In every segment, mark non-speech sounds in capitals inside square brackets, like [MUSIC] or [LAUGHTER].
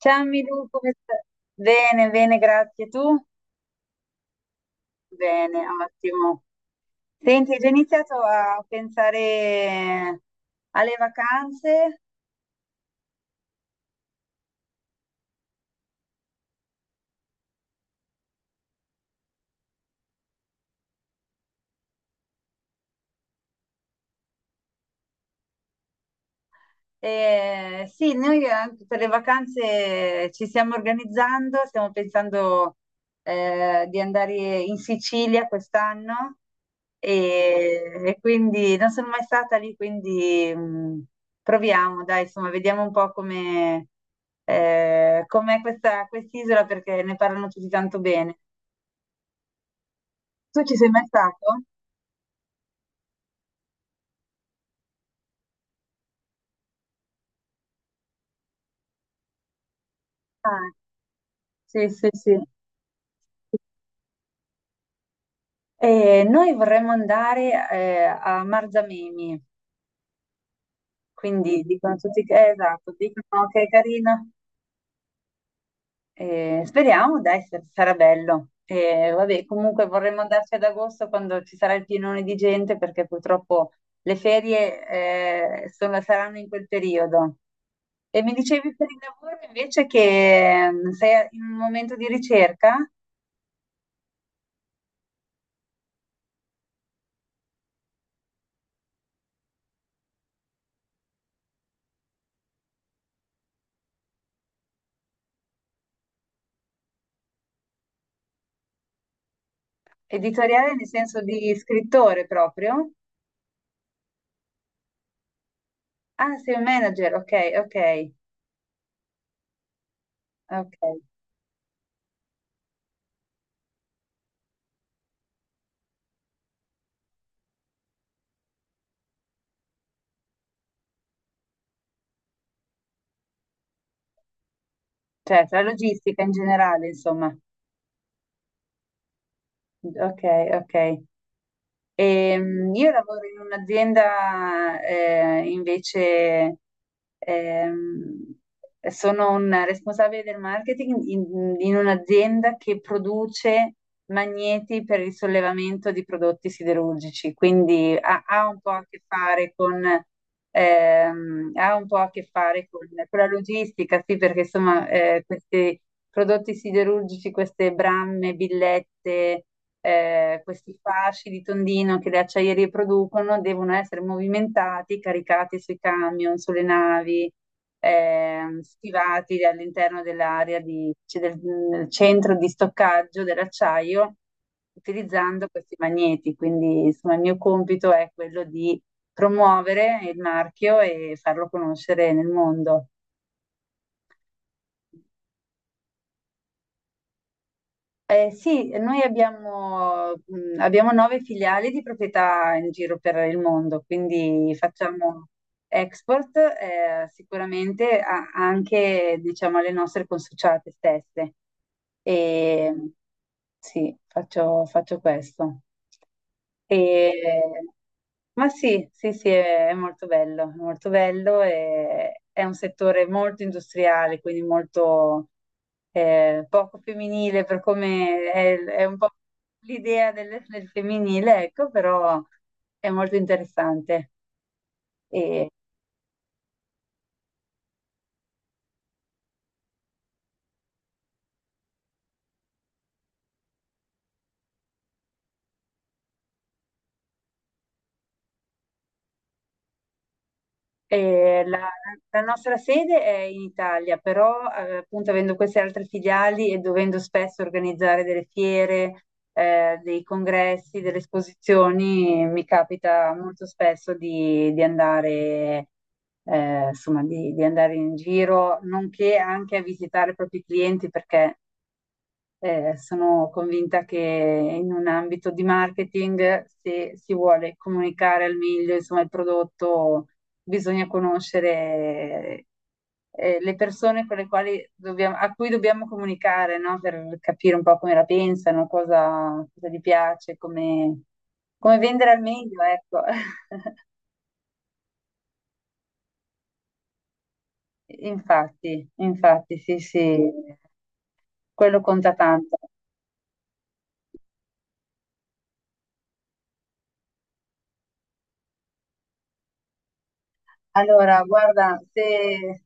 Ciao Milù, come stai? Bene, bene, grazie. Tu? Bene, ottimo. Senti, hai già iniziato a pensare alle vacanze? Sì, noi anche per le vacanze ci stiamo organizzando, stiamo pensando di andare in Sicilia quest'anno e quindi non sono mai stata lì, quindi proviamo, dai, insomma, vediamo un po' come com'è questa quest'isola perché ne parlano tutti tanto bene. Tu ci sei mai stato? Ah, sì, sì, sì. Noi vorremmo andare a Marzamemi. Quindi dicono tutti che, esatto, dicono che è carina. Speriamo, dai, sarà bello. Vabbè, comunque vorremmo andarci ad agosto quando ci sarà il pienone di gente, perché purtroppo le ferie, saranno in quel periodo. E mi dicevi per il lavoro invece che sei in un momento di ricerca editoriale, nel senso di scrittore proprio? Ah, sei un manager, ok, ok, ok. Cioè, tra logistica in generale, insomma. Ok, ok. Io lavoro in un'azienda invece, ehm, sono un responsabile del marketing in un'azienda che produce magneti per il sollevamento di prodotti siderurgici, quindi ha un po' a che fare con, ha un po' a che fare con, la logistica, sì, perché insomma questi prodotti siderurgici, queste bramme, billette questi fasci di tondino che le acciaierie producono devono essere movimentati, caricati sui camion, sulle navi, schivati all'interno dell'area cioè del centro di stoccaggio dell'acciaio utilizzando questi magneti. Quindi, insomma, il mio compito è quello di promuovere il marchio e farlo conoscere nel mondo. Sì, noi abbiamo nove filiali di proprietà in giro per il mondo, quindi facciamo export, sicuramente anche, diciamo, alle nostre consociate stesse. E sì, faccio questo. E ma sì, sì, sì, è molto bello, è molto bello e è un settore molto industriale, quindi molto poco femminile per come è un po' l'idea del femminile, ecco, però è molto interessante. E, e la nostra sede è in Italia, però appunto avendo queste altre filiali e dovendo spesso organizzare delle fiere, dei congressi, delle esposizioni, mi capita molto spesso di, andare insomma, di andare in giro, nonché anche a visitare i propri clienti, perché sono convinta che in un ambito di marketing, se si vuole comunicare al meglio, insomma, il prodotto, bisogna conoscere le persone con le quali dobbiamo, a cui dobbiamo comunicare, no? Per capire un po' come la pensano, cosa, gli piace, come vendere al meglio, ecco. [LAUGHS] Infatti, infatti, sì, sì, quello conta tanto. Allora, guarda, se,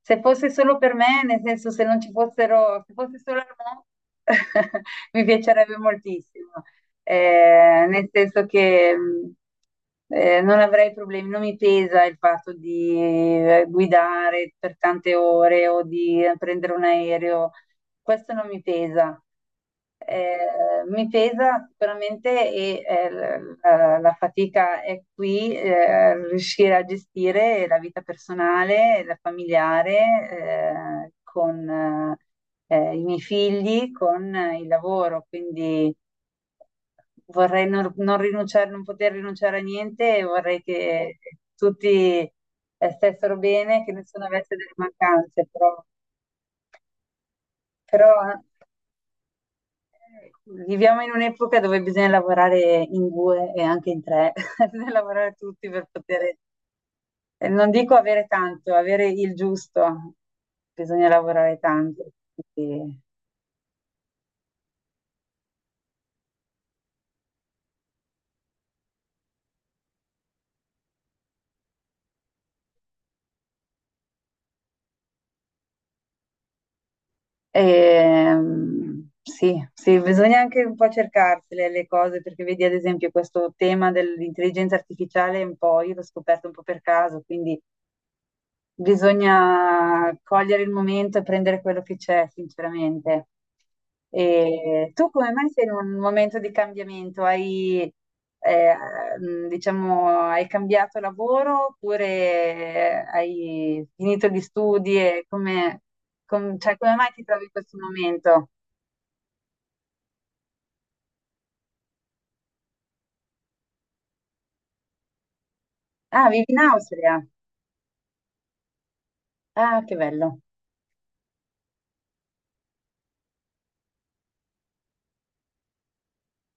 se fosse solo per me, nel senso se non ci fossero, se fosse solo Armand, [LAUGHS] mi piacerebbe moltissimo. Nel senso che non avrei problemi, non mi pesa il fatto di guidare per tante ore o di prendere un aereo, questo non mi pesa. Eh, mi pesa sicuramente e la fatica è qui, riuscire a gestire la vita personale, la familiare, con i miei figli, con il lavoro, quindi vorrei non rinunciare, non poter rinunciare a niente e vorrei che tutti stessero bene, che nessuno avesse delle mancanze, però. Viviamo in un'epoca dove bisogna lavorare in due e anche in tre, [LAUGHS] bisogna lavorare tutti per poter non dico avere tanto, avere il giusto, bisogna lavorare tanto. quindi- sì, sì, bisogna anche un po' cercarsele le cose, perché vedi ad esempio questo tema dell'intelligenza artificiale, un po', io l'ho scoperto un po' per caso, quindi bisogna cogliere il momento e prendere quello che c'è, sinceramente. E tu come mai sei in un momento di cambiamento? Eh, diciamo, hai cambiato lavoro oppure hai finito gli studi? E come, cioè, come mai ti trovi in questo momento? Ah, vivi in Austria? Ah, che bello.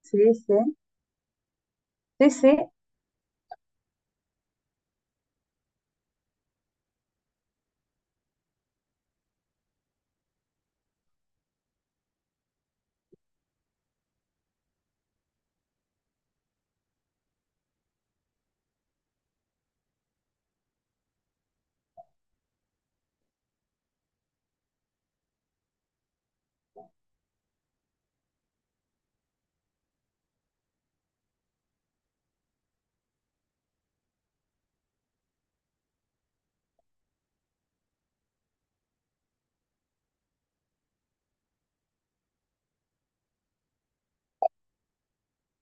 Sì, sì. Sì, sì,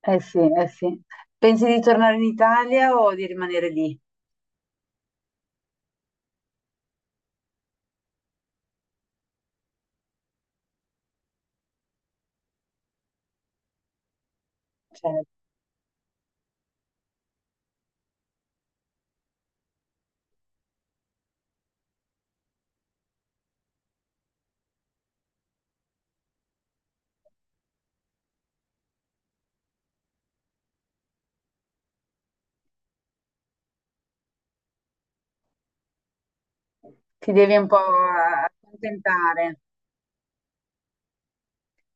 eh sì, eh sì. Pensi di tornare in Italia o di rimanere lì? Cioè, ti devi un po' accontentare,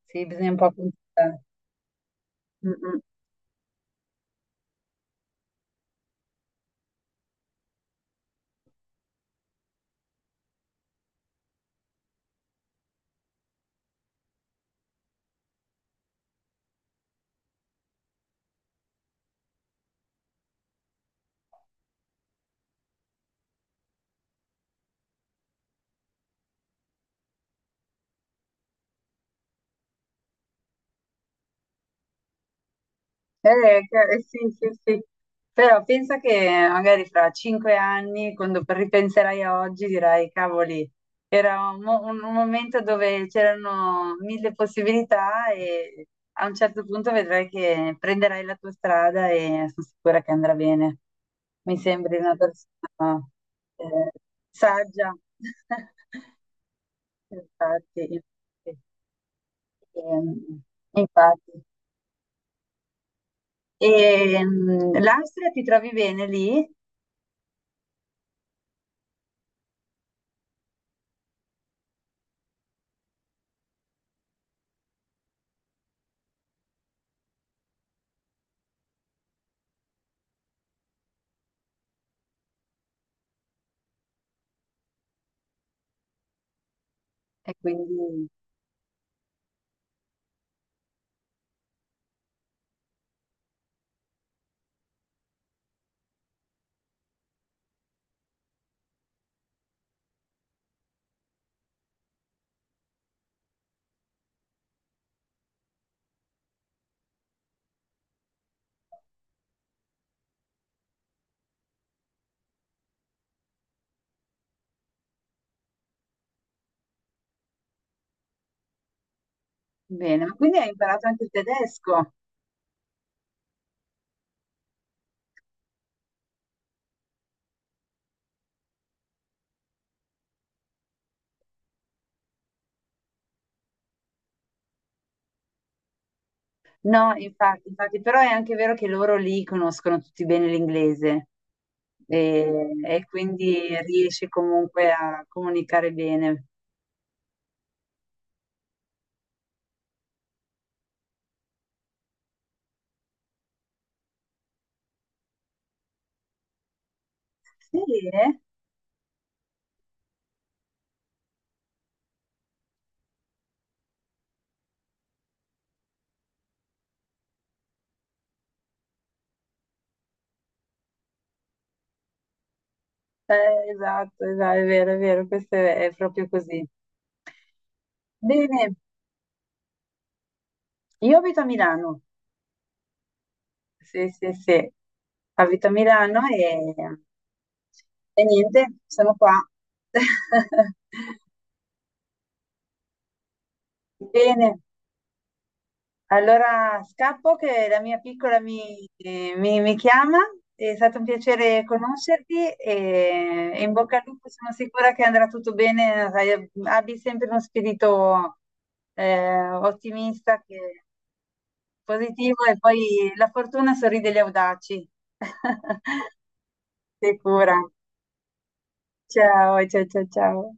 sì, bisogna un po' accontentare. Mm, mm. Sì, sì, sì. Però pensa che magari fra 5 anni, quando ripenserai a oggi, dirai, cavoli, era un momento dove c'erano mille possibilità e a un certo punto vedrai che prenderai la tua strada e sono sicura che andrà bene. Mi sembri una persona, eh, saggia. [LAUGHS] Infatti, infatti. Ehm, infatti. L'Austria ti trovi bene lì? E quindi bene, ma quindi hai imparato anche il tedesco? No, infatti, infatti, però è anche vero che loro lì conoscono tutti bene l'inglese e, e quindi riesci comunque a comunicare bene. Sì, eh? Esatto, esatto, è vero, questo è proprio così. Bene, io abito a Milano. Sì, sì, sì. Abito a Milano e niente, sono qua. [LAUGHS] Bene, allora scappo che la mia piccola mi chiama. È stato un piacere conoscerti e in bocca al lupo, sono sicura che andrà tutto bene. Sai, abbi sempre uno spirito ottimista, positivo e poi la fortuna sorride agli audaci. [LAUGHS] Sicura. Ciao, ciao, ciao, ciao.